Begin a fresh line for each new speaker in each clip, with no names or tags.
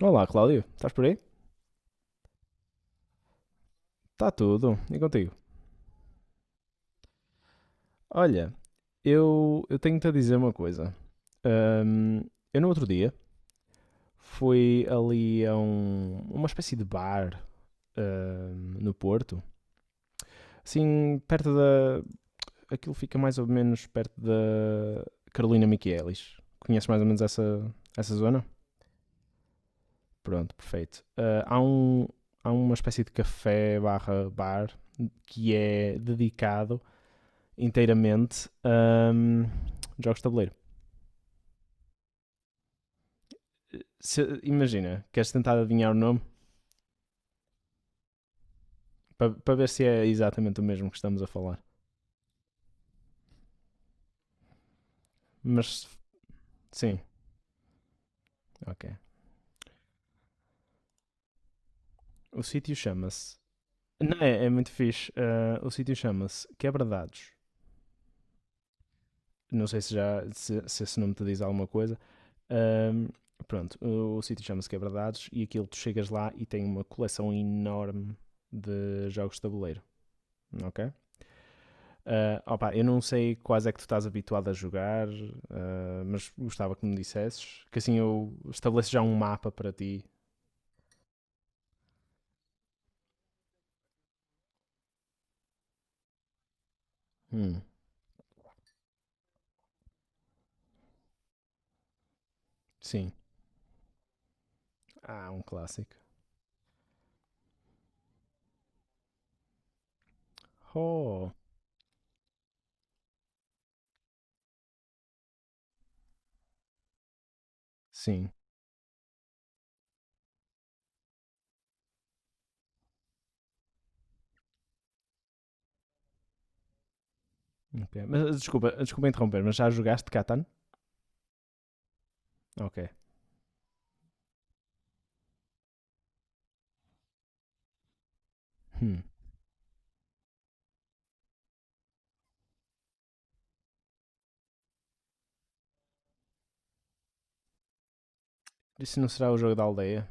Olá, Cláudio. Estás por aí? Está tudo. E contigo? Olha, eu tenho-te a dizer uma coisa. Ahm, eu no outro dia fui ali a uma espécie de bar no Porto. Assim, perto da... Aquilo fica mais ou menos perto da Carolina Miquelis. Conheces mais ou menos essa zona? Pronto, perfeito. Ah, há uma espécie de café barra bar que é dedicado inteiramente jogos de tabuleiro. Imagina, queres tentar adivinhar o nome para ver se é exatamente o mesmo que estamos a falar. Mas sim, ok. O sítio chama-se. Não, é, é muito fixe. Ah, o sítio chama-se Quebradados. Não sei se já se, se esse nome te diz alguma coisa. Ahm, Pronto, o sítio chama-se Quebradados e aquilo tu chegas lá e tem uma coleção enorme de jogos de tabuleiro, ok? Ah, opa, eu não sei quais é que tu estás habituado a jogar, ah, mas gostava que me dissesses, que assim eu estabeleço já um mapa para ti. Hum, sim. Ah, um clássico. Oh, sim. Ok. Mas ah, desculpa, desculpa interromper, mas já jogaste Catan? Ok. Hum. Isso não será o jogo da aldeia?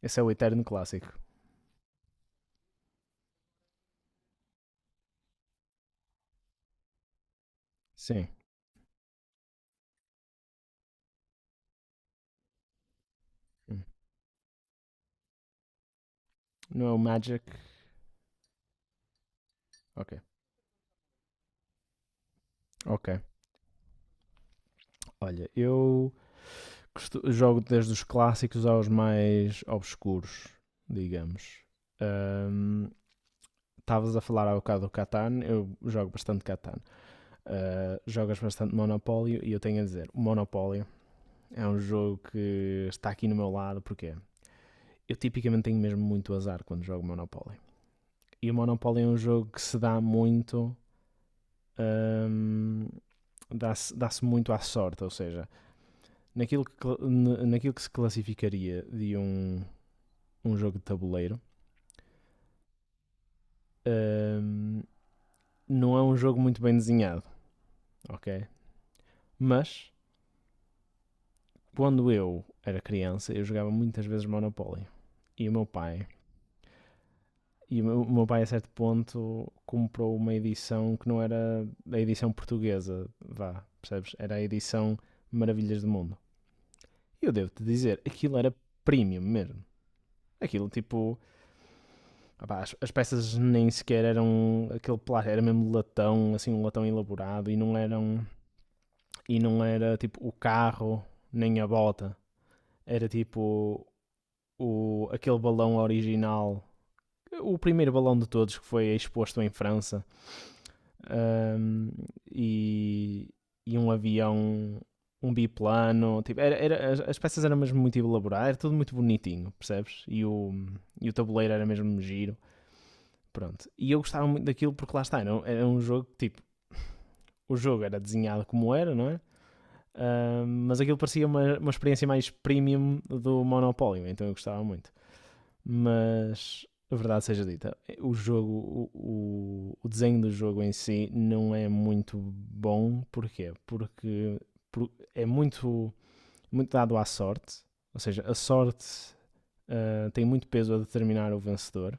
Esse é o eterno clássico. Sim. Hum. Não é o Magic? Ok. Ok. Olha, eu jogo desde os clássicos aos mais obscuros, digamos. Ahm, Estavas um, a falar há bocado do Catan, eu jogo bastante Catan. Ah, jogas bastante Monopólio e eu tenho a dizer, o Monopólio é um jogo que está aqui no meu lado, porque eu tipicamente tenho mesmo muito azar quando jogo Monopólio. E o Monopólio é um jogo que se dá muito... ahm, dá-se muito à sorte, ou seja, naquilo que, naquilo que se classificaria de um jogo de tabuleiro, hum, não é um jogo muito bem desenhado, ok? Mas quando eu era criança, eu jogava muitas vezes Monopoly. E o meu pai, e o meu, Pai a certo ponto comprou uma edição que não era a edição portuguesa, vá, percebes? Era a edição Maravilhas do Mundo. E eu devo-te dizer, aquilo era premium mesmo. Aquilo tipo, ah as peças nem sequer eram aquele plástico, era mesmo latão, assim, um latão elaborado e não eram E não era tipo o carro nem a bota. Era tipo aquele balão original. O primeiro balão de todos que foi exposto em França. Ahm, e, e um avião, um biplano. Tipo, peças eram mesmo muito elaboradas. Era tudo muito bonitinho, percebes? E o tabuleiro era mesmo giro. Pronto. E eu gostava muito daquilo porque lá está. Era um jogo que tipo. O jogo era desenhado como era, não é? Ah, mas aquilo parecia uma experiência mais premium do Monopólio, então eu gostava muito. Mas a verdade seja dita, o jogo, o, desenho do jogo em si não é muito bom. Porquê? Porque é muito dado à sorte. Ou seja, a sorte ah, tem muito peso a determinar o vencedor.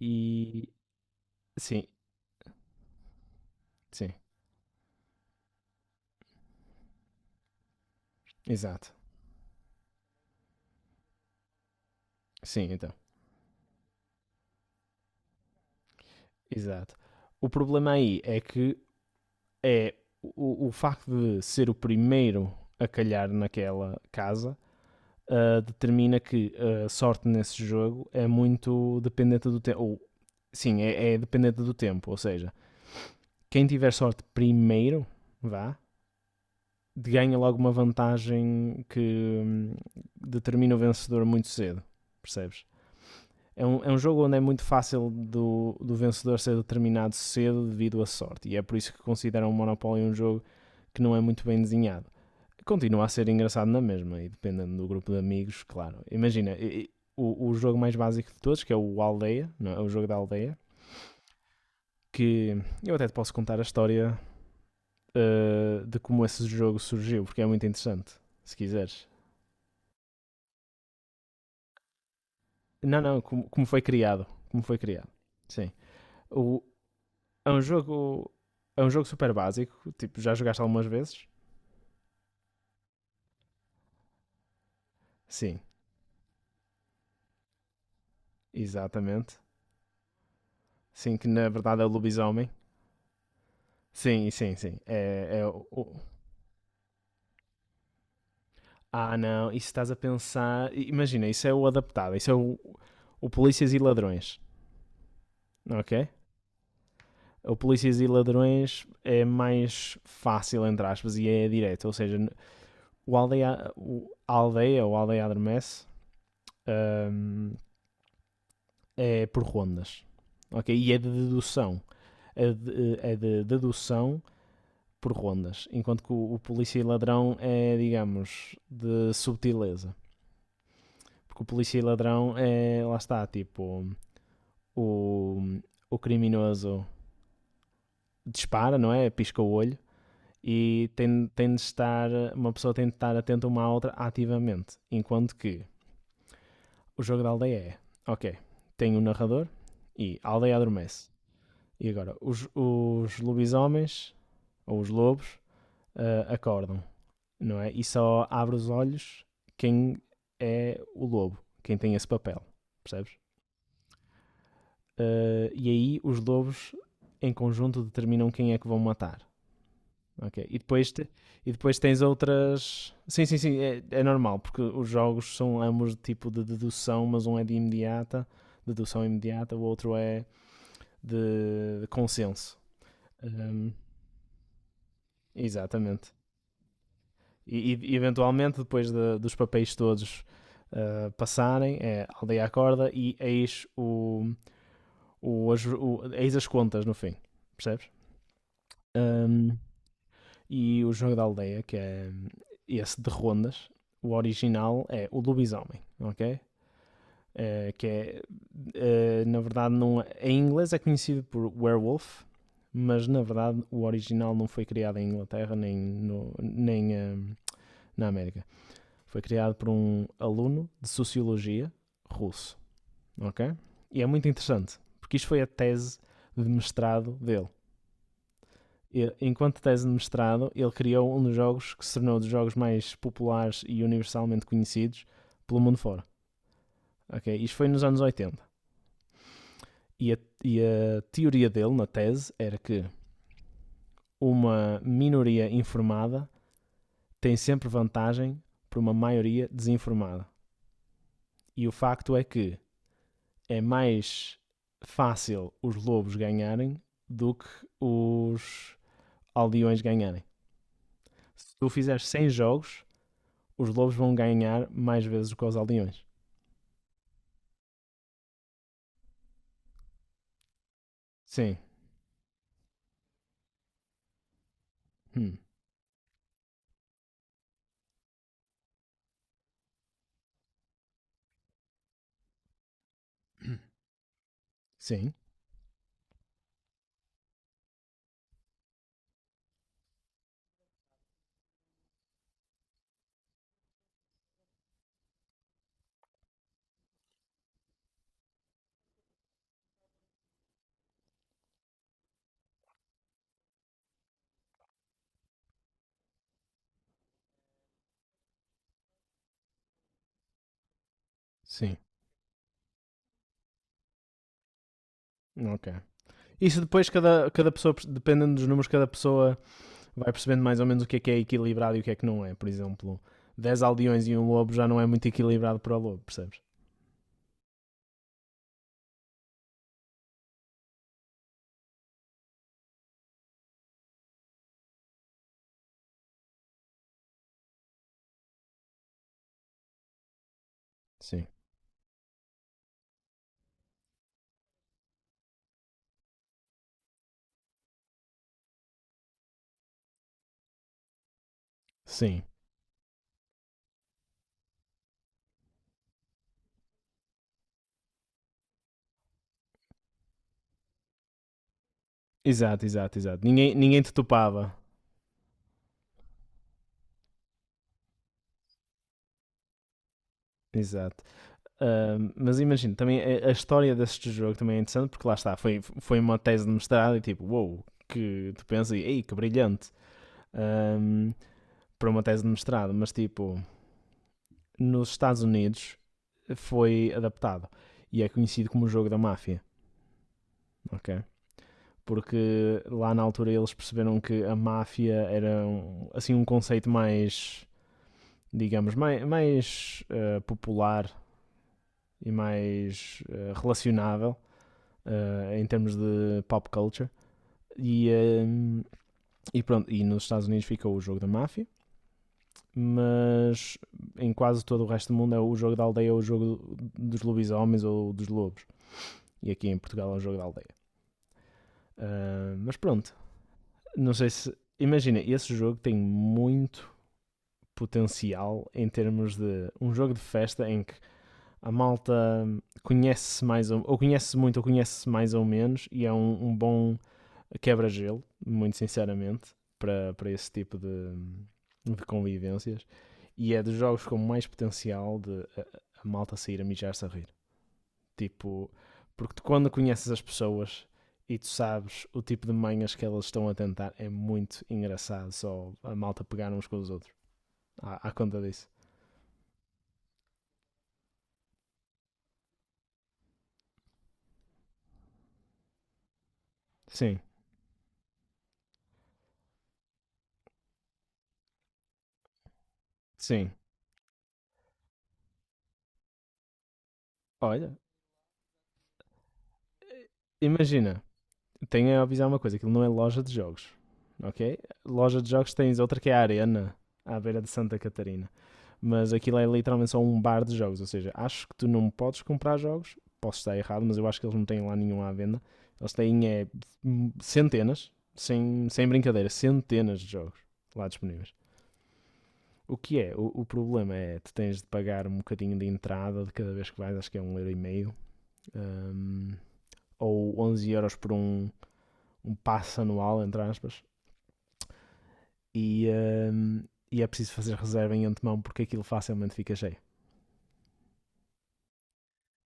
E sim, sim, exato. Sim, então, exato. O problema aí é que é o facto de ser o primeiro a calhar naquela casa ah, determina que a sorte nesse jogo é muito dependente do tempo. Ou, sim, é, é dependente do tempo. Ou seja, quem tiver sorte primeiro, vá, ganha logo uma vantagem que hum, determina o vencedor muito cedo. Percebes? É um jogo onde é muito fácil do vencedor ser determinado cedo devido à sorte. E é por isso que consideram o Monopoly um jogo que não é muito bem desenhado. Continua a ser engraçado na mesma e dependendo do grupo de amigos, claro. Imagina, o jogo mais básico de todos, que é o Aldeia, não é? O jogo da Aldeia, que eu até te posso contar a história eh, de como esse jogo surgiu, porque é muito interessante, se quiseres. Não, não, como, como foi criado. Como foi criado. Sim. O, é um jogo. É um jogo super básico. Tipo, já jogaste algumas vezes? Sim, exatamente. Sim, que na verdade é o lobisomem. Sim, sim, sim. Ah, não, isso estás a pensar. Imagina, isso é o adaptado, o Polícias e Ladrões, ok? O Polícias e Ladrões é mais fácil, entre aspas, e é direto. Ou seja, o aldeia ou aldeia adormece hum, é por rondas, ok? E é de dedução. É de dedução por rondas. Enquanto que o Polícia e Ladrão é, digamos, de subtileza. Porque o Polícia e Ladrão é, lá está, tipo o, o criminoso dispara, não é? Pisca o olho e tem de estar, uma pessoa tem de estar atenta uma à outra ativamente. Enquanto que o jogo da aldeia é, ok, tem um narrador e a aldeia adormece. E agora, os lobisomens, ou os lobos, ah, acordam, não é? E só abre os olhos quem é o lobo, quem tem esse papel, percebes? Ah, e aí os lobos, em conjunto, determinam quem é que vão matar. Ok. E depois tens outras. Sim, sim, sim. É, é normal, porque os jogos são ambos de tipo de dedução, mas um é de imediata, dedução imediata, o outro é de consenso. Ahm, Exatamente. Eventualmente, dos papéis todos ah, passarem, é aldeia acorda e eis, o, as, o- eis as contas no fim. Percebes? Ahm, E o jogo da aldeia, que é esse de rondas, o original é o Lobisomem, ok? Eh, que é, Na verdade, não, é, em inglês é conhecido por Werewolf, mas na verdade o original não foi criado em Inglaterra nem na América. Foi criado por um aluno de Sociologia russo, ok? E é muito interessante, porque isto foi a tese de mestrado dele. Enquanto tese de mestrado, ele criou um dos jogos que se tornou um dos jogos mais populares e universalmente conhecidos pelo mundo fora. Ok? Isto foi nos anos 80. E a, e a teoria dele, na tese, era que uma minoria informada tem sempre vantagem por uma maioria desinformada. E o facto é que é mais fácil os lobos ganharem do que os aldeões ganharem. Se tu fizeres 100 jogos, os lobos vão ganhar mais vezes do que os aldeões. Sim. Hum. Sim. Sim. Ok. Isso depois cada pessoa, dependendo dos números, cada pessoa vai percebendo mais ou menos o que é equilibrado e o que é que não é. Por exemplo, 10 aldeões e um lobo já não é muito equilibrado para o lobo, percebes? Sim. Sim. Exato, exato, exato. Ninguém, ninguém te topava. Exato. Mas imagino, também a história deste jogo também é interessante porque lá está, foi, foi uma tese de mestrado e tipo, uou, wow, que tu pensas e ei, que brilhante. Ahm, Para uma tese de mestrado, mas tipo, nos Estados Unidos foi adaptado e é conhecido como o jogo da máfia, ok? Porque lá na altura eles perceberam que a máfia era assim um conceito mais, digamos, mais popular e mais relacionável em termos de pop culture. E, eh, e pronto, e nos Estados Unidos ficou o jogo da máfia, mas em quase todo o resto do mundo é o jogo da aldeia ou o jogo dos lobisomens ou dos lobos. E aqui em Portugal é o jogo da aldeia. Ah, mas pronto, não sei se. Imagina, esse jogo tem muito potencial em termos de um jogo de festa em que a malta conhece-se mais ou conhece muito ou conhece-se mais ou menos e é um bom quebra-gelo, muito sinceramente, para esse tipo de convivências. E é dos jogos com mais potencial de a malta sair a mijar-se a rir. Tipo, porque tu, quando conheces as pessoas e tu sabes o tipo de manhas que elas estão a tentar, é muito engraçado só a malta pegar uns com os outros. À conta disso. Sim, sim. Olha, imagina, tenho a avisar uma coisa: aquilo não é loja de jogos, ok? Loja de jogos tens outra que é a Arena, à beira de Santa Catarina. Mas aquilo é literalmente só um bar de jogos. Ou seja, acho que tu não podes comprar jogos. Posso estar errado, mas eu acho que eles não têm lá nenhum à venda. Eles têm é, centenas, sem brincadeira, centenas de jogos lá disponíveis. O que é? O problema é tu tens de pagar um bocadinho de entrada de cada vez que vais, acho que é um euro e meio, hum, ou 11 € por um passo anual, entre aspas, e, hum, e é preciso fazer reserva em antemão porque aquilo facilmente fica cheio.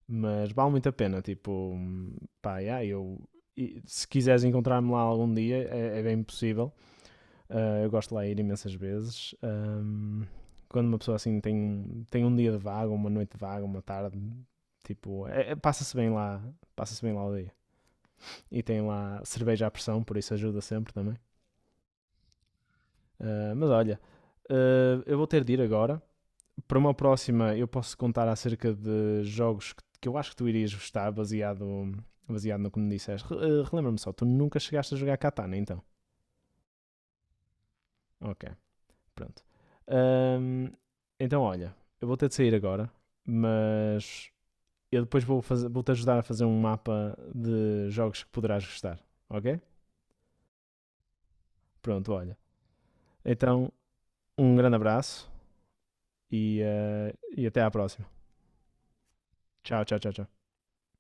Mas vale muito a pena, tipo, pá, yeah, eu, se quiseres encontrar-me lá algum dia, é, é bem possível. Eu gosto de lá ir imensas vezes. Um, quando uma pessoa assim tem um dia de vaga, uma noite de vaga, uma tarde, tipo, passa-se bem lá o dia. E tem lá cerveja à pressão, por isso ajuda sempre também. Mas olha, eu vou ter de ir agora. Para uma próxima, eu posso contar acerca de jogos que eu acho que tu irias gostar, baseado, baseado no que me disseste. Relembra-me só, tu nunca chegaste a jogar Katana, então? Ok, pronto. Ahm, então, olha, eu vou ter de sair agora, mas eu depois vou-te ajudar a fazer um mapa de jogos que poderás gostar, ok? Pronto, olha. Então, um grande abraço e, eh, e até à próxima. Tchau, tchau, tchau, tchau.